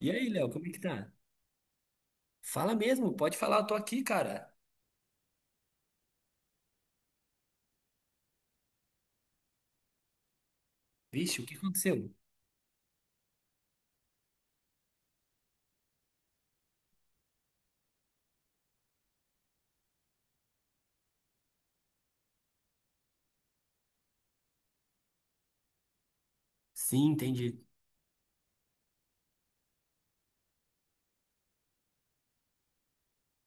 E aí, Léo, como é que tá? Fala mesmo, pode falar, eu tô aqui, cara. Vixe, o que aconteceu? Sim, entendi.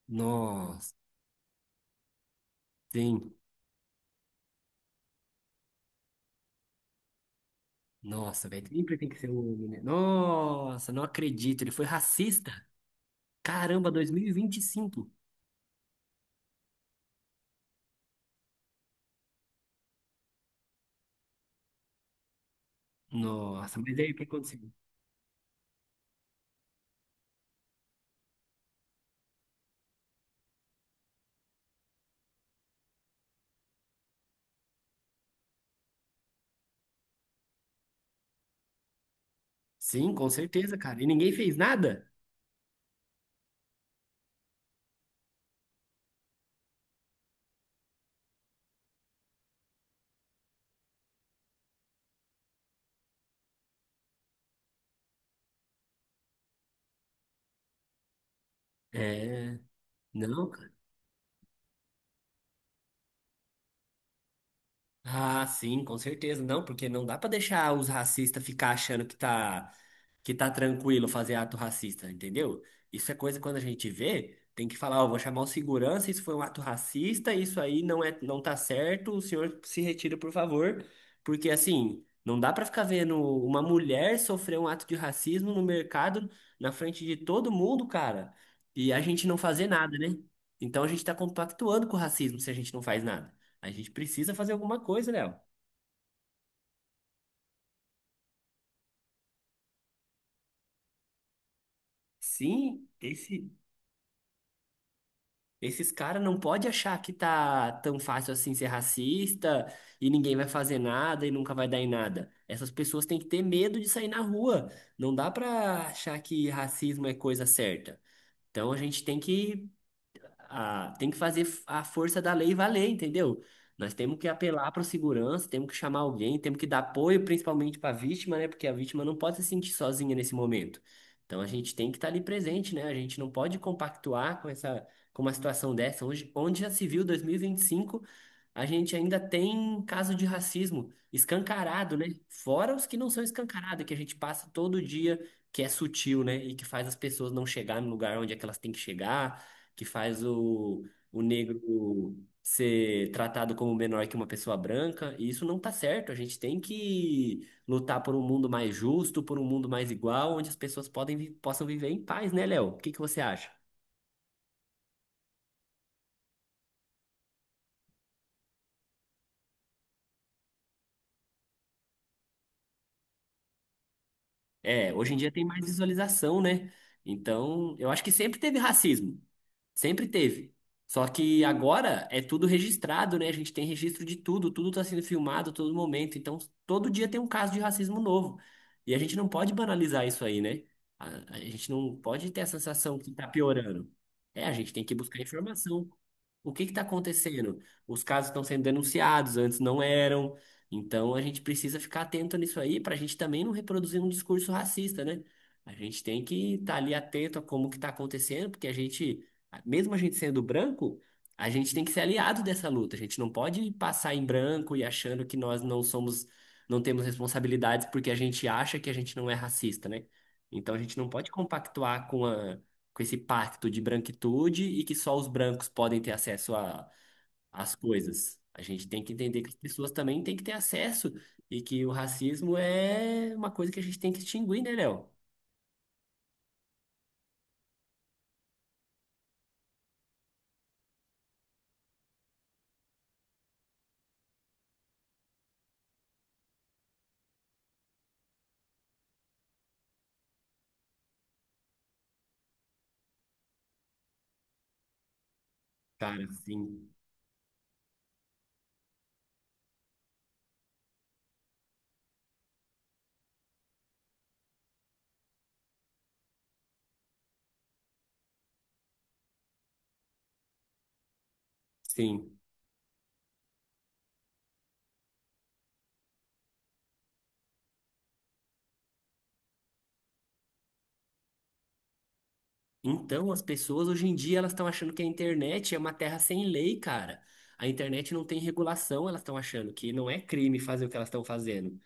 Nossa, sim. Nossa, velho, sempre tem que ser um homem, né? Nossa, não acredito, ele foi racista. Caramba, 2025. Nossa, mas aí o que aconteceu? Sim, com certeza, cara. E ninguém fez nada? É, não. Ah, sim, com certeza. Não, porque não dá pra deixar os racistas ficar achando que tá tranquilo fazer ato racista, entendeu? Isso é coisa que quando a gente vê, tem que falar, ó, vou chamar o segurança, isso foi um ato racista, isso aí não é não tá certo, o senhor se retira, por favor, porque assim, não dá pra ficar vendo uma mulher sofrer um ato de racismo no mercado na frente de todo mundo, cara, e a gente não fazer nada, né? Então a gente tá compactuando com o racismo se a gente não faz nada. A gente precisa fazer alguma coisa, Léo. Sim, esse, esses caras não pode achar que tá tão fácil assim ser racista e ninguém vai fazer nada e nunca vai dar em nada. Essas pessoas têm que ter medo de sair na rua. Não dá pra achar que racismo é coisa certa. Então a gente tem que tem que fazer a força da lei valer, entendeu? Nós temos que apelar para segurança, temos que chamar alguém, temos que dar apoio principalmente para a vítima, né? Porque a vítima não pode se sentir sozinha nesse momento. Então a gente tem que estar ali presente, né? A gente não pode compactuar com com uma situação dessa. Hoje, onde já se viu 2025, a gente ainda tem caso de racismo escancarado, né? Fora os que não são escancarados, que a gente passa todo dia, que é sutil, né? E que faz as pessoas não chegar no lugar onde é que elas têm que chegar que faz o negro ser tratado como menor que uma pessoa branca, e isso não tá certo. A gente tem que lutar por um mundo mais justo, por um mundo mais igual, onde as pessoas podem, possam viver em paz, né, Léo? O que que você acha? É, hoje em dia tem mais visualização, né? Então, eu acho que sempre teve racismo. Sempre teve. Só que agora é tudo registrado, né? A gente tem registro de tudo, tudo tá sendo filmado a todo momento. Então, todo dia tem um caso de racismo novo. E a gente não pode banalizar isso aí, né? A, a gente não pode ter a sensação que tá piorando. É, a gente tem que buscar informação. O que que tá acontecendo? Os casos estão sendo denunciados, antes não eram. Então a gente precisa ficar atento nisso aí para a gente também não reproduzir um discurso racista, né? A gente tem que estar ali atento a como que está acontecendo, porque a gente, mesmo a gente sendo branco, a gente tem que ser aliado dessa luta. A gente não pode passar em branco e achando que nós não somos, não temos responsabilidades porque a gente acha que a gente não é racista, né? Então a gente não pode compactuar com com esse pacto de branquitude e que só os brancos podem ter acesso as coisas. A gente tem que entender que as pessoas também têm que ter acesso e que o racismo é uma coisa que a gente tem que extinguir, né, Léo? Cara, sim, sim. Então, as pessoas hoje em dia elas estão achando que a internet é uma terra sem lei, cara. A internet não tem regulação, elas estão achando que não é crime fazer o que elas estão fazendo.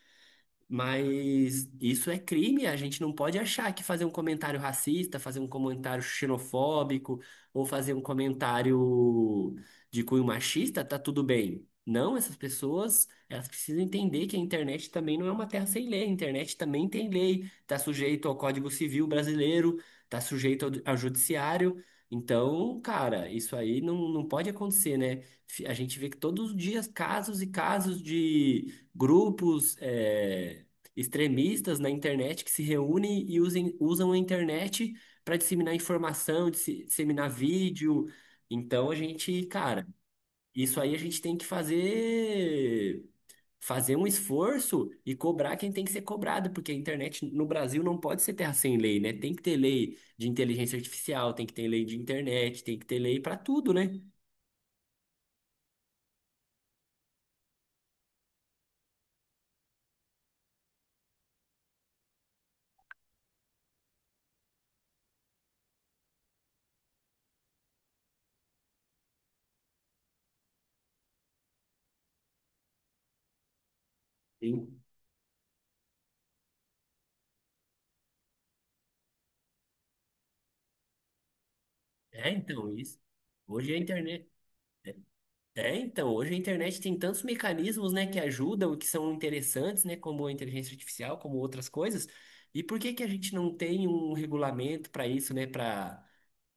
Mas isso é crime, a gente não pode achar que fazer um comentário racista, fazer um comentário xenofóbico ou fazer um comentário de cunho machista tá tudo bem. Não, essas pessoas, elas precisam entender que a internet também não é uma terra sem lei, a internet também tem lei, tá sujeito ao Código Civil brasileiro, tá sujeito ao judiciário. Então, cara, isso aí não pode acontecer, né? A gente vê que todos os dias casos e casos de grupos extremistas na internet que se reúnem e usam a internet para disseminar informação, disseminar vídeo. Então a gente, cara, isso aí a gente tem que fazer um esforço e cobrar quem tem que ser cobrado, porque a internet no Brasil não pode ser terra sem lei, né? Tem que ter lei de inteligência artificial, tem que ter lei de internet, tem que ter lei para tudo, né? Sim. É, então, isso. Hoje a internet É, então, hoje a internet tem tantos mecanismos, né, que ajudam, que são interessantes, né, como a inteligência artificial, como outras coisas. E por que que a gente não tem um regulamento para isso, né, para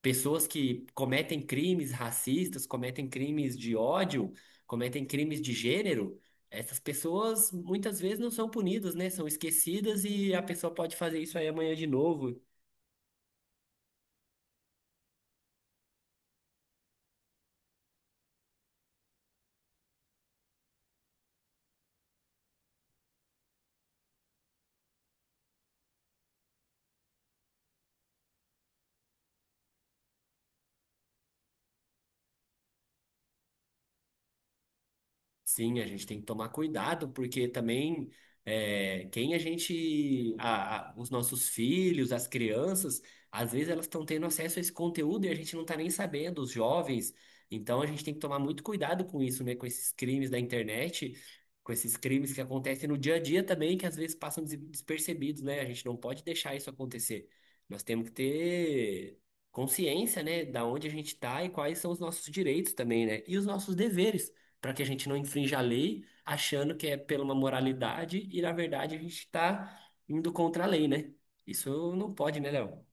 pessoas que cometem crimes racistas, cometem crimes de ódio, cometem crimes de gênero? Essas pessoas muitas vezes não são punidas, né, são esquecidas e a pessoa pode fazer isso aí amanhã de novo. Sim, a gente tem que tomar cuidado, porque também é, quem a gente, os nossos filhos, as crianças, às vezes elas estão tendo acesso a esse conteúdo e a gente não está nem sabendo, os jovens. Então a gente tem que tomar muito cuidado com isso, né? Com esses crimes da internet, com esses crimes que acontecem no dia a dia também, que às vezes passam despercebidos, né? A gente não pode deixar isso acontecer. Nós temos que ter consciência, né, da onde a gente está e quais são os nossos direitos também, né? E os nossos deveres para que a gente não infrinja a lei, achando que é pela uma moralidade e na verdade a gente está indo contra a lei, né? Isso não pode, né, Léo?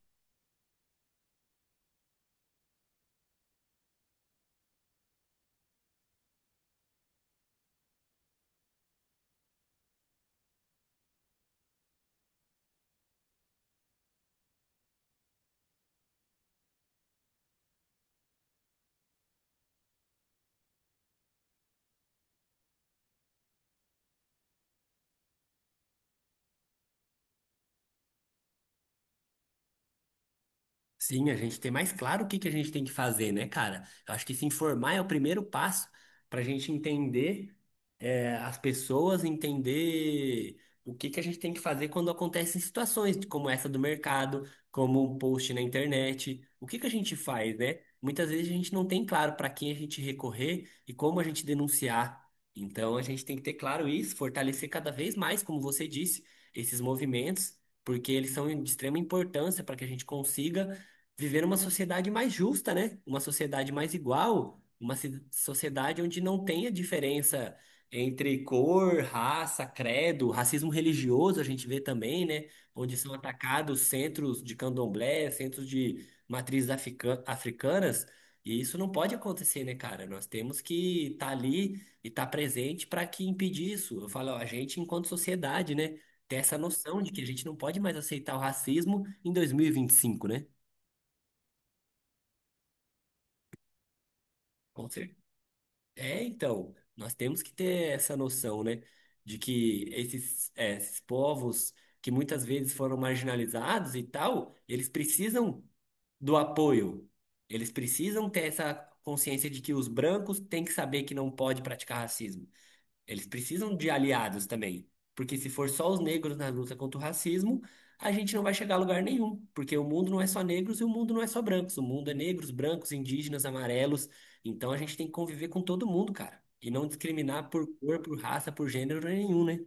Sim, a gente ter mais claro o que que a gente tem que fazer, né, cara? Eu acho que se informar é o primeiro passo para a gente entender. É, as pessoas entender o que que a gente tem que fazer quando acontecem situações como essa do mercado, como um post na internet. O que que a gente faz, né? Muitas vezes a gente não tem claro para quem a gente recorrer e como a gente denunciar. Então a gente tem que ter claro isso, fortalecer cada vez mais, como você disse, esses movimentos, porque eles são de extrema importância para que a gente consiga viver uma sociedade mais justa, né? Uma sociedade mais igual, uma sociedade onde não tenha diferença entre cor, raça, credo, racismo religioso a gente vê também, né? Onde são atacados centros de candomblé, centros de matrizes africanas. E isso não pode acontecer, né, cara? Nós temos que estar ali e estar presente para que impedir isso. Eu falo, ó, a gente, enquanto sociedade, né, ter essa noção de que a gente não pode mais aceitar o racismo em 2025, né? Com certeza. É, então, nós temos que ter essa noção, né, de que esses, é, esses povos que muitas vezes foram marginalizados e tal, eles precisam do apoio, eles precisam ter essa consciência de que os brancos têm que saber que não pode praticar racismo. Eles precisam de aliados também. Porque se for só os negros na luta contra o racismo, a gente não vai chegar a lugar nenhum. Porque o mundo não é só negros e o mundo não é só brancos. O mundo é negros, brancos, indígenas, amarelos. Então a gente tem que conviver com todo mundo, cara. E não discriminar por cor, por raça, por gênero nenhum, né?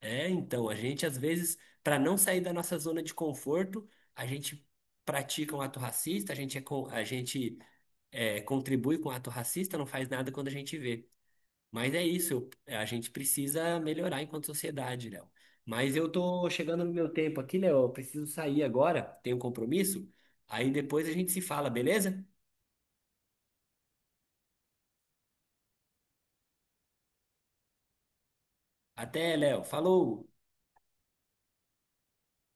É, então, a gente às vezes, para não sair da nossa zona de conforto, a gente pratica um ato racista, a gente, é, a gente é, contribui com o ato racista, não faz nada quando a gente vê. Mas é isso, é, a gente precisa melhorar enquanto sociedade, Léo. Mas eu tô chegando no meu tempo aqui, Léo, eu preciso sair agora, tenho um compromisso. Aí depois a gente se fala, beleza? Até, Léo. Falou!